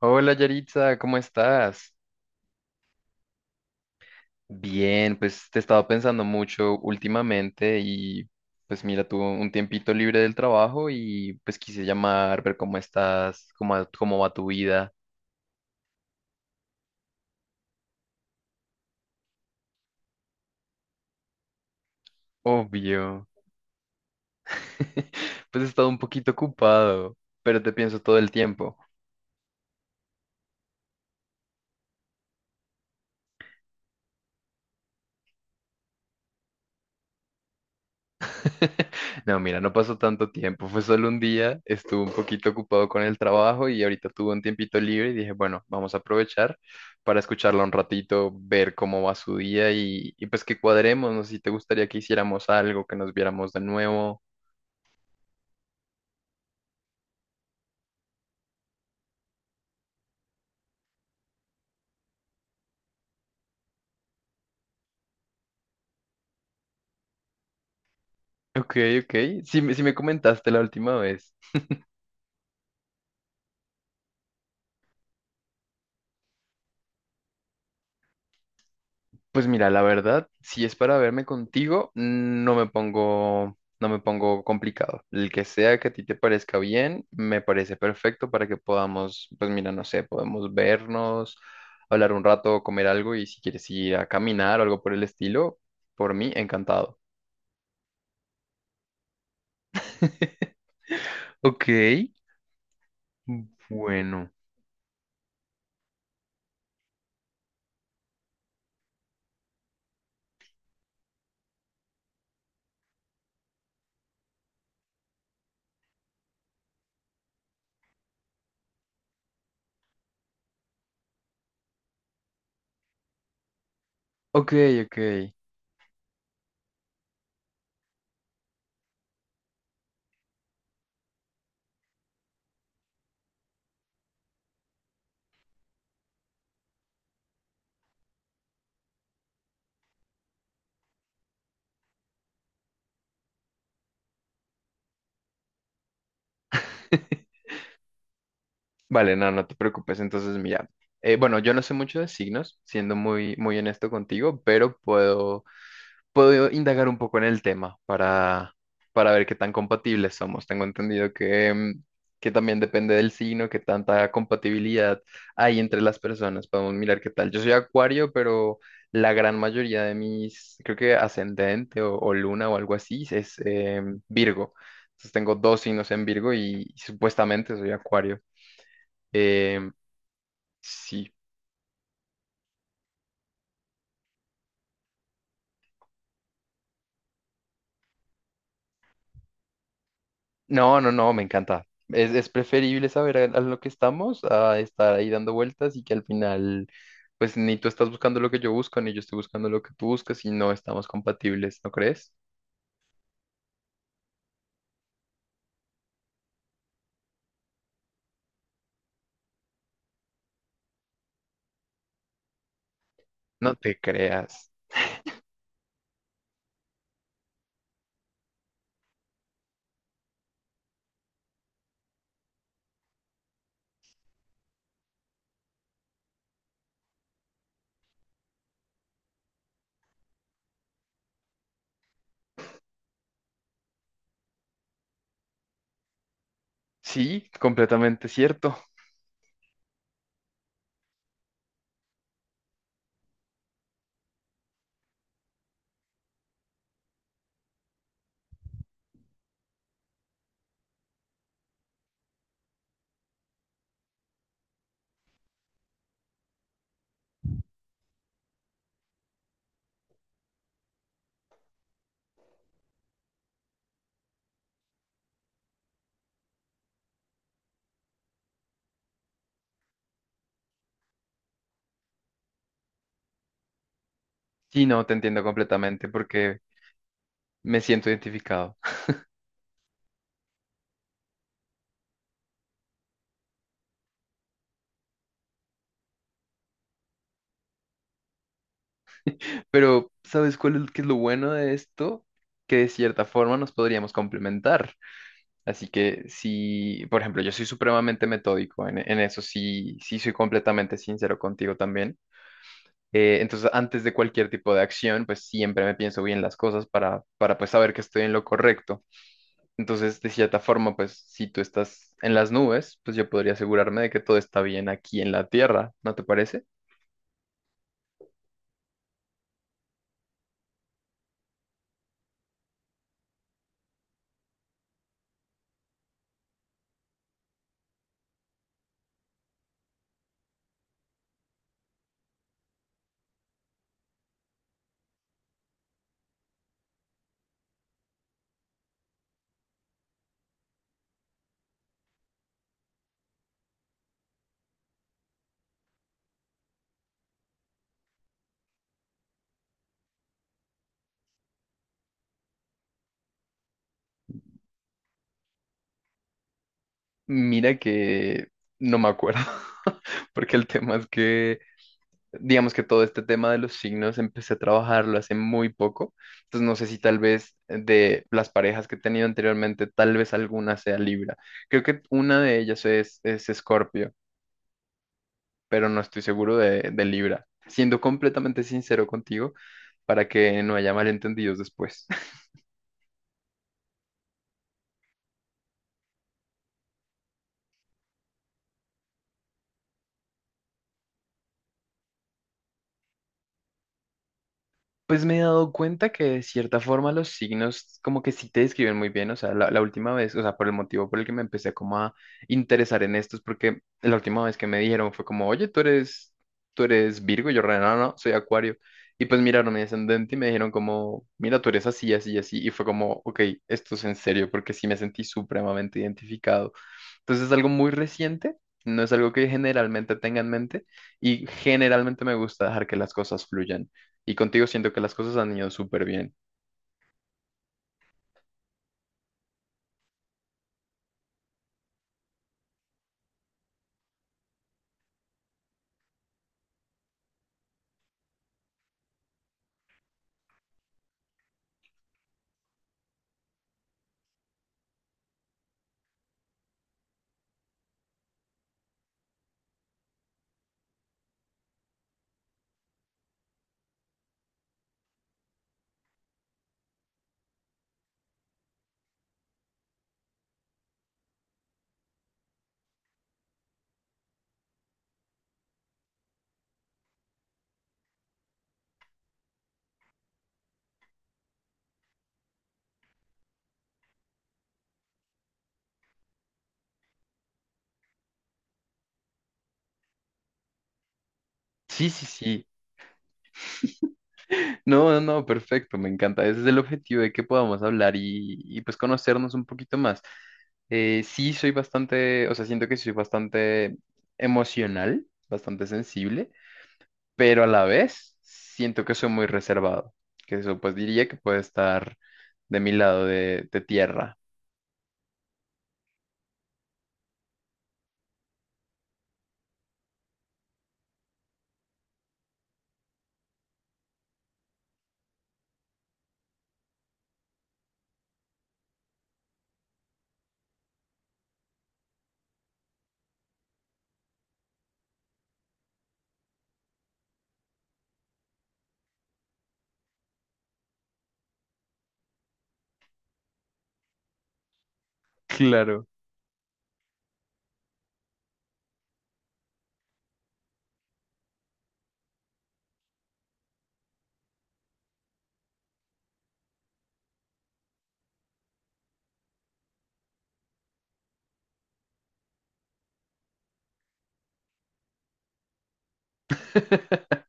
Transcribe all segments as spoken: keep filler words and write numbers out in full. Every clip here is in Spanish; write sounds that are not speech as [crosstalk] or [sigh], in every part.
Hola Yaritza, ¿cómo estás? Bien, pues te he estado pensando mucho últimamente y pues mira, tuve un tiempito libre del trabajo y pues quise llamar, ver cómo estás, cómo, va- cómo va tu vida. Obvio. [laughs] Pues he estado un poquito ocupado, pero te pienso todo el tiempo. [laughs] No, mira, no pasó tanto tiempo, fue solo un día, estuve un poquito ocupado con el trabajo y ahorita tuve un tiempito libre y dije, bueno, vamos a aprovechar para escucharla un ratito, ver cómo va su día y, y pues que cuadremos, no sé si te gustaría que hiciéramos algo, que nos viéramos de nuevo. Ok, ok, sí, me- sí me comentaste la última vez. Pues mira, la verdad, si es para verme contigo, no me pongo, no me pongo complicado. El que sea que a ti te parezca bien, me parece perfecto para que podamos, pues mira, no sé, podemos vernos, hablar un rato, comer algo y si quieres ir a caminar o algo por el estilo, por mí, encantado. [laughs] Ok, bueno. Ok, ok. [laughs] Vale, no, no te preocupes. Entonces, mira, eh, bueno, yo no sé mucho de signos, siendo muy, muy honesto contigo, pero puedo puedo indagar un poco en el tema para, para ver qué tan compatibles somos. Tengo entendido que, mm, que también depende del signo, qué tanta compatibilidad hay entre las personas. Podemos mirar qué tal. Yo soy Acuario, pero la gran mayoría de mis, creo que ascendente o, o luna o algo así, es eh, Virgo. Entonces tengo dos signos en Virgo y, y supuestamente soy Acuario. Em, sí. No, no, no, me encanta. Es, es preferible saber a, a lo que estamos a estar ahí dando vueltas y que al final, pues ni tú estás buscando lo que yo busco, ni yo estoy buscando lo que tú buscas y no estamos compatibles, ¿no crees? No te creas. Sí, completamente cierto. Sí, no, te entiendo completamente porque me siento identificado. [laughs] Pero, ¿sabes cuál es, qué es lo bueno de esto? Que de cierta forma nos podríamos complementar. Así que sí, por ejemplo, yo soy supremamente metódico, en, en eso sí, sí soy completamente sincero contigo también. Eh, entonces, antes de cualquier tipo de acción, pues siempre me pienso bien las cosas para, para pues saber que estoy en lo correcto. Entonces, de cierta forma, pues si tú estás en las nubes, pues yo podría asegurarme de que todo está bien aquí en la tierra, ¿no te parece? Mira que no me acuerdo, [laughs] porque el tema es que... digamos que todo este tema de los signos empecé a trabajarlo hace muy poco, entonces no sé si tal vez de las parejas que he tenido anteriormente, tal vez alguna sea Libra. Creo que una de ellas es, es Escorpio, pero no estoy seguro de, de Libra. Siendo completamente sincero contigo, para que no haya malentendidos después. Pues me he dado cuenta que de cierta forma los signos como que sí te describen muy bien, o sea, la, la última vez, o sea, por el motivo por el que me empecé como a interesar en estos, porque la última vez que me dijeron fue como, oye, tú eres, tú eres Virgo, y yo, re, no, no, soy Acuario, y pues miraron mi ascendente y me dijeron como, mira, tú eres así, así, así, y fue como, ok, esto es en serio, porque sí me sentí supremamente identificado. Entonces es algo muy reciente, no es algo que generalmente tenga en mente y generalmente me gusta dejar que las cosas fluyan. Y contigo siento que las cosas han ido súper bien. Sí, sí, sí. [laughs] No, no, no, perfecto, me encanta. Ese es el objetivo de que podamos hablar y, y pues conocernos un poquito más. Eh, sí, soy bastante, o sea, siento que soy bastante emocional, bastante sensible, pero a la vez siento que soy muy reservado, que eso pues diría que puede estar de mi lado de, de tierra. Claro. [laughs]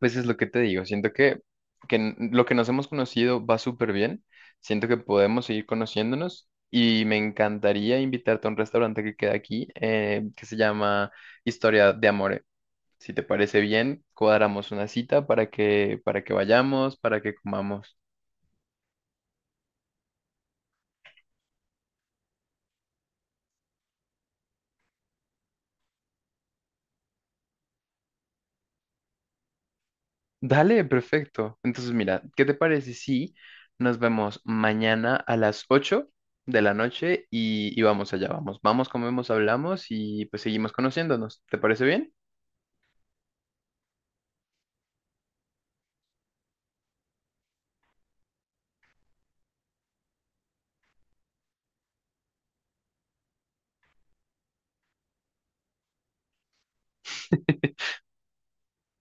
Pues es lo que te digo, siento que, que n- lo que nos hemos conocido va súper bien, siento que podemos seguir conociéndonos y me encantaría invitarte a un restaurante que queda aquí eh, que se llama Historia de Amore. Si te parece bien, cuadramos una cita para que, para que vayamos, para que comamos. Dale, perfecto. Entonces, mira, ¿qué te parece si nos vemos mañana a las ocho de la noche y, y vamos allá, vamos, vamos, comemos, hablamos y pues seguimos conociéndonos? ¿Te parece bien?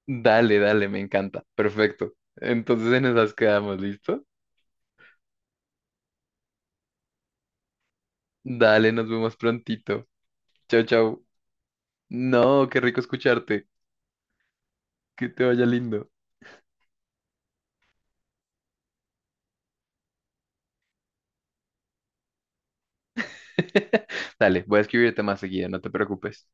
Dale, dale, me encanta. Perfecto. Entonces en esas quedamos, ¿listo? Dale, nos vemos prontito. Chau, chau. No, qué rico escucharte. Que te vaya lindo. [laughs] Dale, voy a escribirte más seguido, no te preocupes.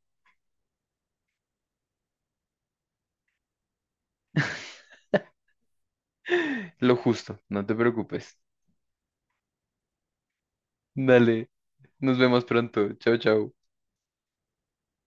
Lo justo, no te preocupes. Dale, nos vemos pronto. Chau, chau.